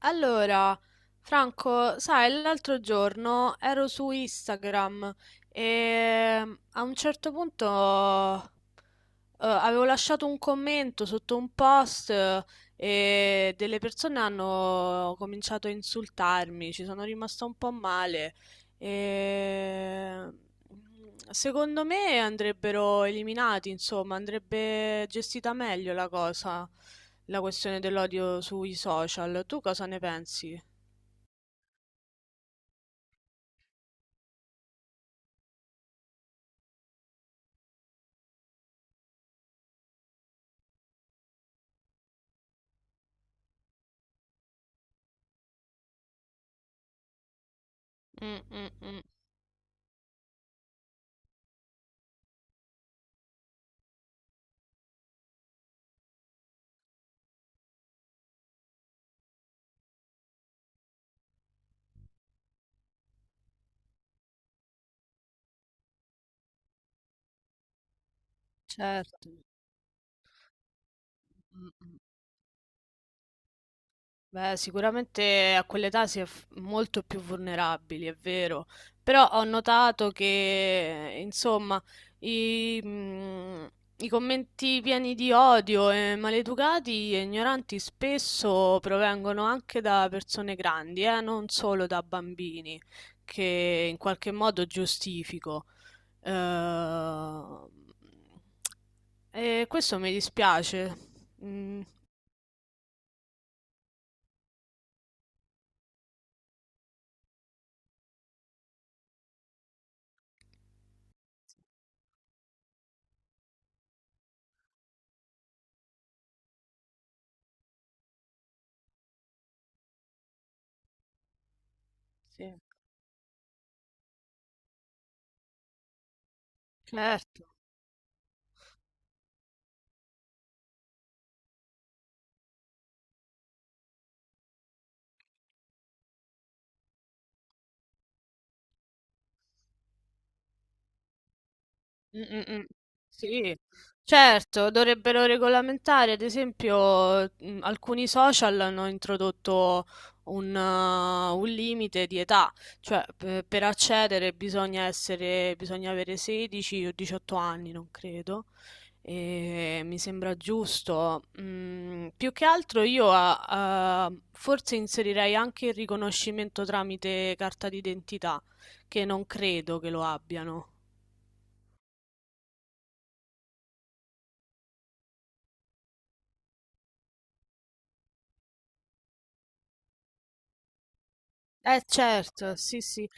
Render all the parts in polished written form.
Allora, Franco, sai, l'altro giorno ero su Instagram e a un certo punto avevo lasciato un commento sotto un post, e delle persone hanno cominciato a insultarmi. Ci sono rimasta un po' male. E Secondo me andrebbero eliminati, insomma, andrebbe gestita meglio la cosa, la questione dell'odio sui social. Tu cosa ne pensi? Mm, mm, mm. Certo. Mm, mm. Beh, sicuramente a quell'età si è molto più vulnerabili, è vero, però ho notato che, insomma, i, mm, i commenti pieni di odio e maleducati e ignoranti spesso provengono anche da persone grandi, non solo da bambini, che in qualche modo giustifico. Eh, E questo mi dispiace. Mm, sì. Certo. Mm, mm, mm. Sì, certo, dovrebbero regolamentare, ad esempio, alcuni social hanno introdotto un limite di età, cioè per accedere, bisogna avere 16 o 18 anni, non credo, e mi sembra giusto. Più che altro io forse inserirei anche il riconoscimento tramite carta d'identità, che non credo che lo abbiano. Eh certo, sì sì.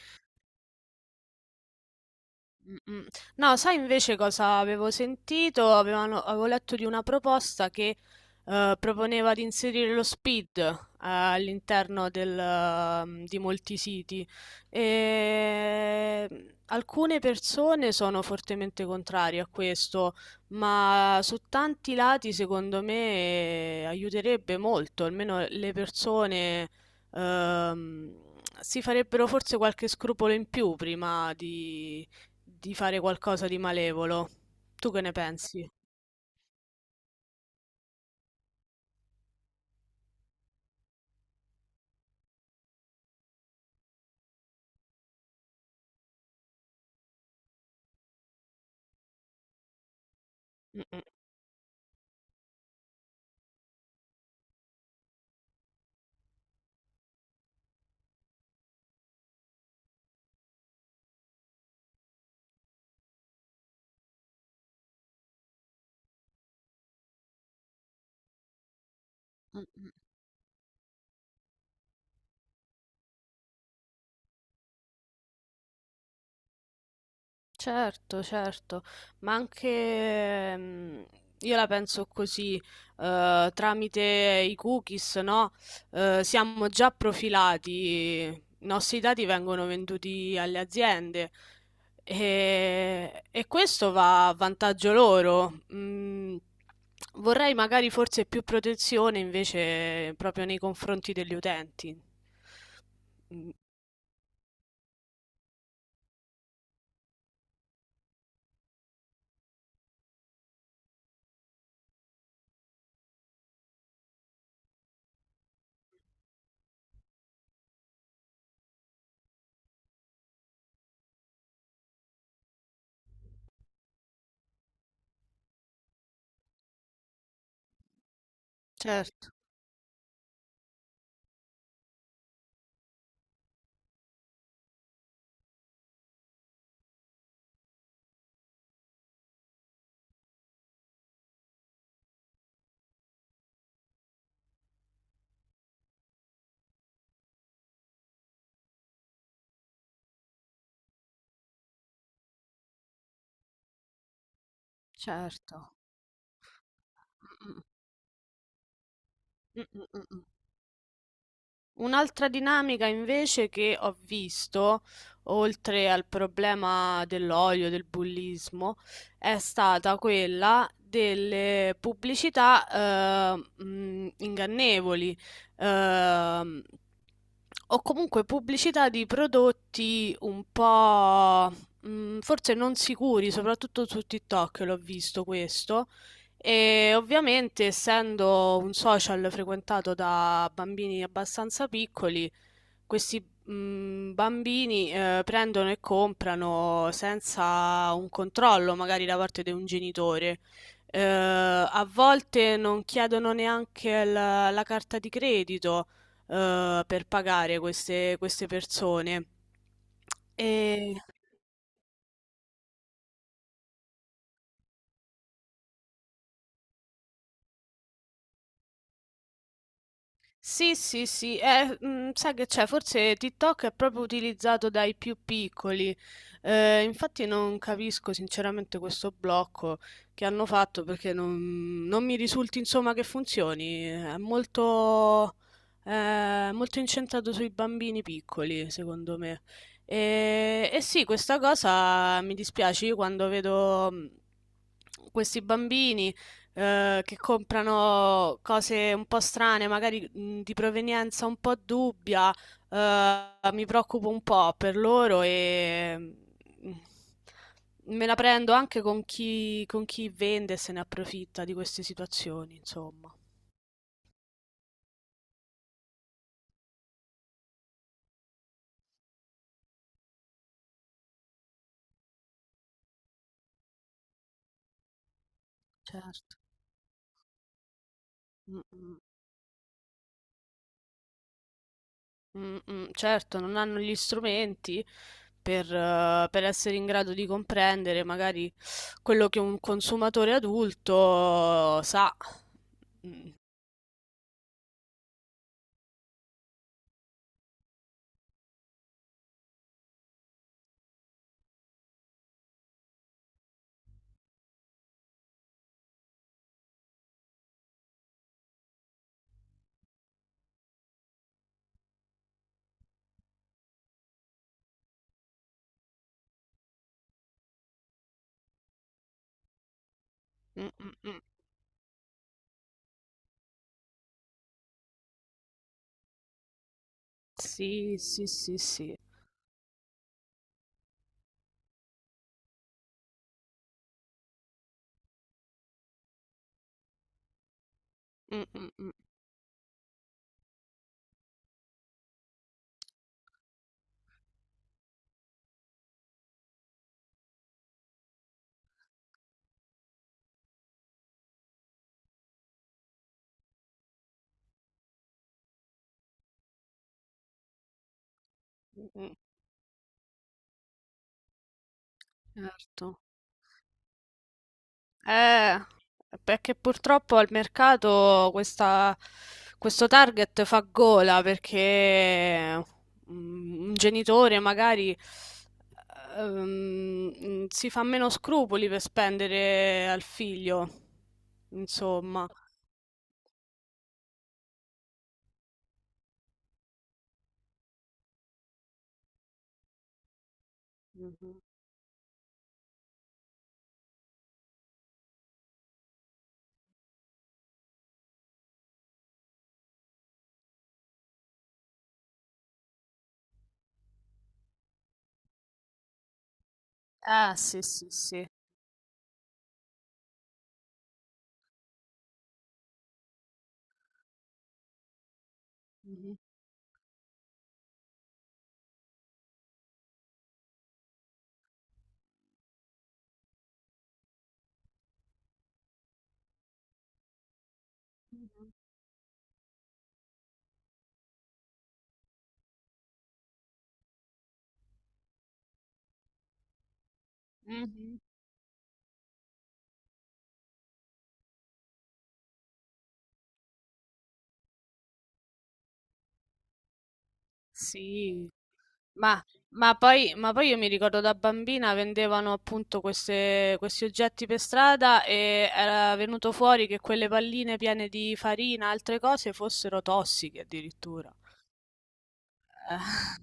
Mm-mm. No, sai invece cosa avevo sentito? Avevo letto di una proposta che proponeva di inserire lo speed all'interno di molti siti, e alcune persone sono fortemente contrarie a questo, ma su tanti lati secondo me aiuterebbe molto, almeno le persone ehm, si farebbero forse qualche scrupolo in più prima di fare qualcosa di malevolo. Tu che ne pensi? Mm-mm. Certo, certo, ma anche io la penso così, tramite i cookies, no? Siamo già profilati, i nostri dati vengono venduti alle aziende, e questo va a vantaggio loro. Vorrei magari forse più protezione invece proprio nei confronti degli utenti. Mm, certo, certo. Mm, mm, mm, mm, mm. Mm. Un'altra dinamica invece che ho visto, oltre al problema dell'odio, del bullismo, è stata quella delle pubblicità ingannevoli. Ehm, o comunque pubblicità di prodotti un po' forse non sicuri, soprattutto su TikTok l'ho visto questo. E ovviamente, essendo un social frequentato da bambini abbastanza piccoli, questi bambini prendono e comprano senza un controllo, magari da parte di un genitore. A volte non chiedono neanche la carta di credito per pagare queste persone. E... Sì, sì, sì, sai che c'è, forse TikTok è proprio utilizzato dai più piccoli. Infatti non capisco sinceramente questo blocco che hanno fatto perché non mi risulti insomma che funzioni, è molto incentrato sui bambini piccoli secondo me. E sì, questa cosa mi dispiace. Io quando vedo questi bambini che comprano cose un po' strane, magari di provenienza un po' dubbia, mi preoccupo un po' per loro, e me la prendo anche con chi vende e se ne approfitta di queste situazioni, insomma. Certo. Mm, mm, mm, mm. Certo, non hanno gli strumenti per essere in grado di comprendere magari quello che un consumatore adulto sa. Mm. Mh, mh, mh. Sì, sì, sì, sì. Mh, mh, mh, mh, mh. Certo. Eh, Perché purtroppo al mercato questa, questo target fa gola perché un genitore magari ehm, si fa meno scrupoli per spendere al figlio, insomma. Mhm. Ah, sì, sì, sì. Mhm. Mhm. Mhm. Sì. Ma, ma poi io mi ricordo, da bambina vendevano appunto questi oggetti per strada, e era venuto fuori che quelle palline piene di farina e altre cose fossero tossiche addirittura. Eh.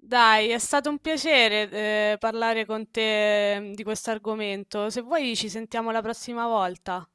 Dai, è stato un piacere parlare con te di questo argomento. Se vuoi ci sentiamo la prossima volta.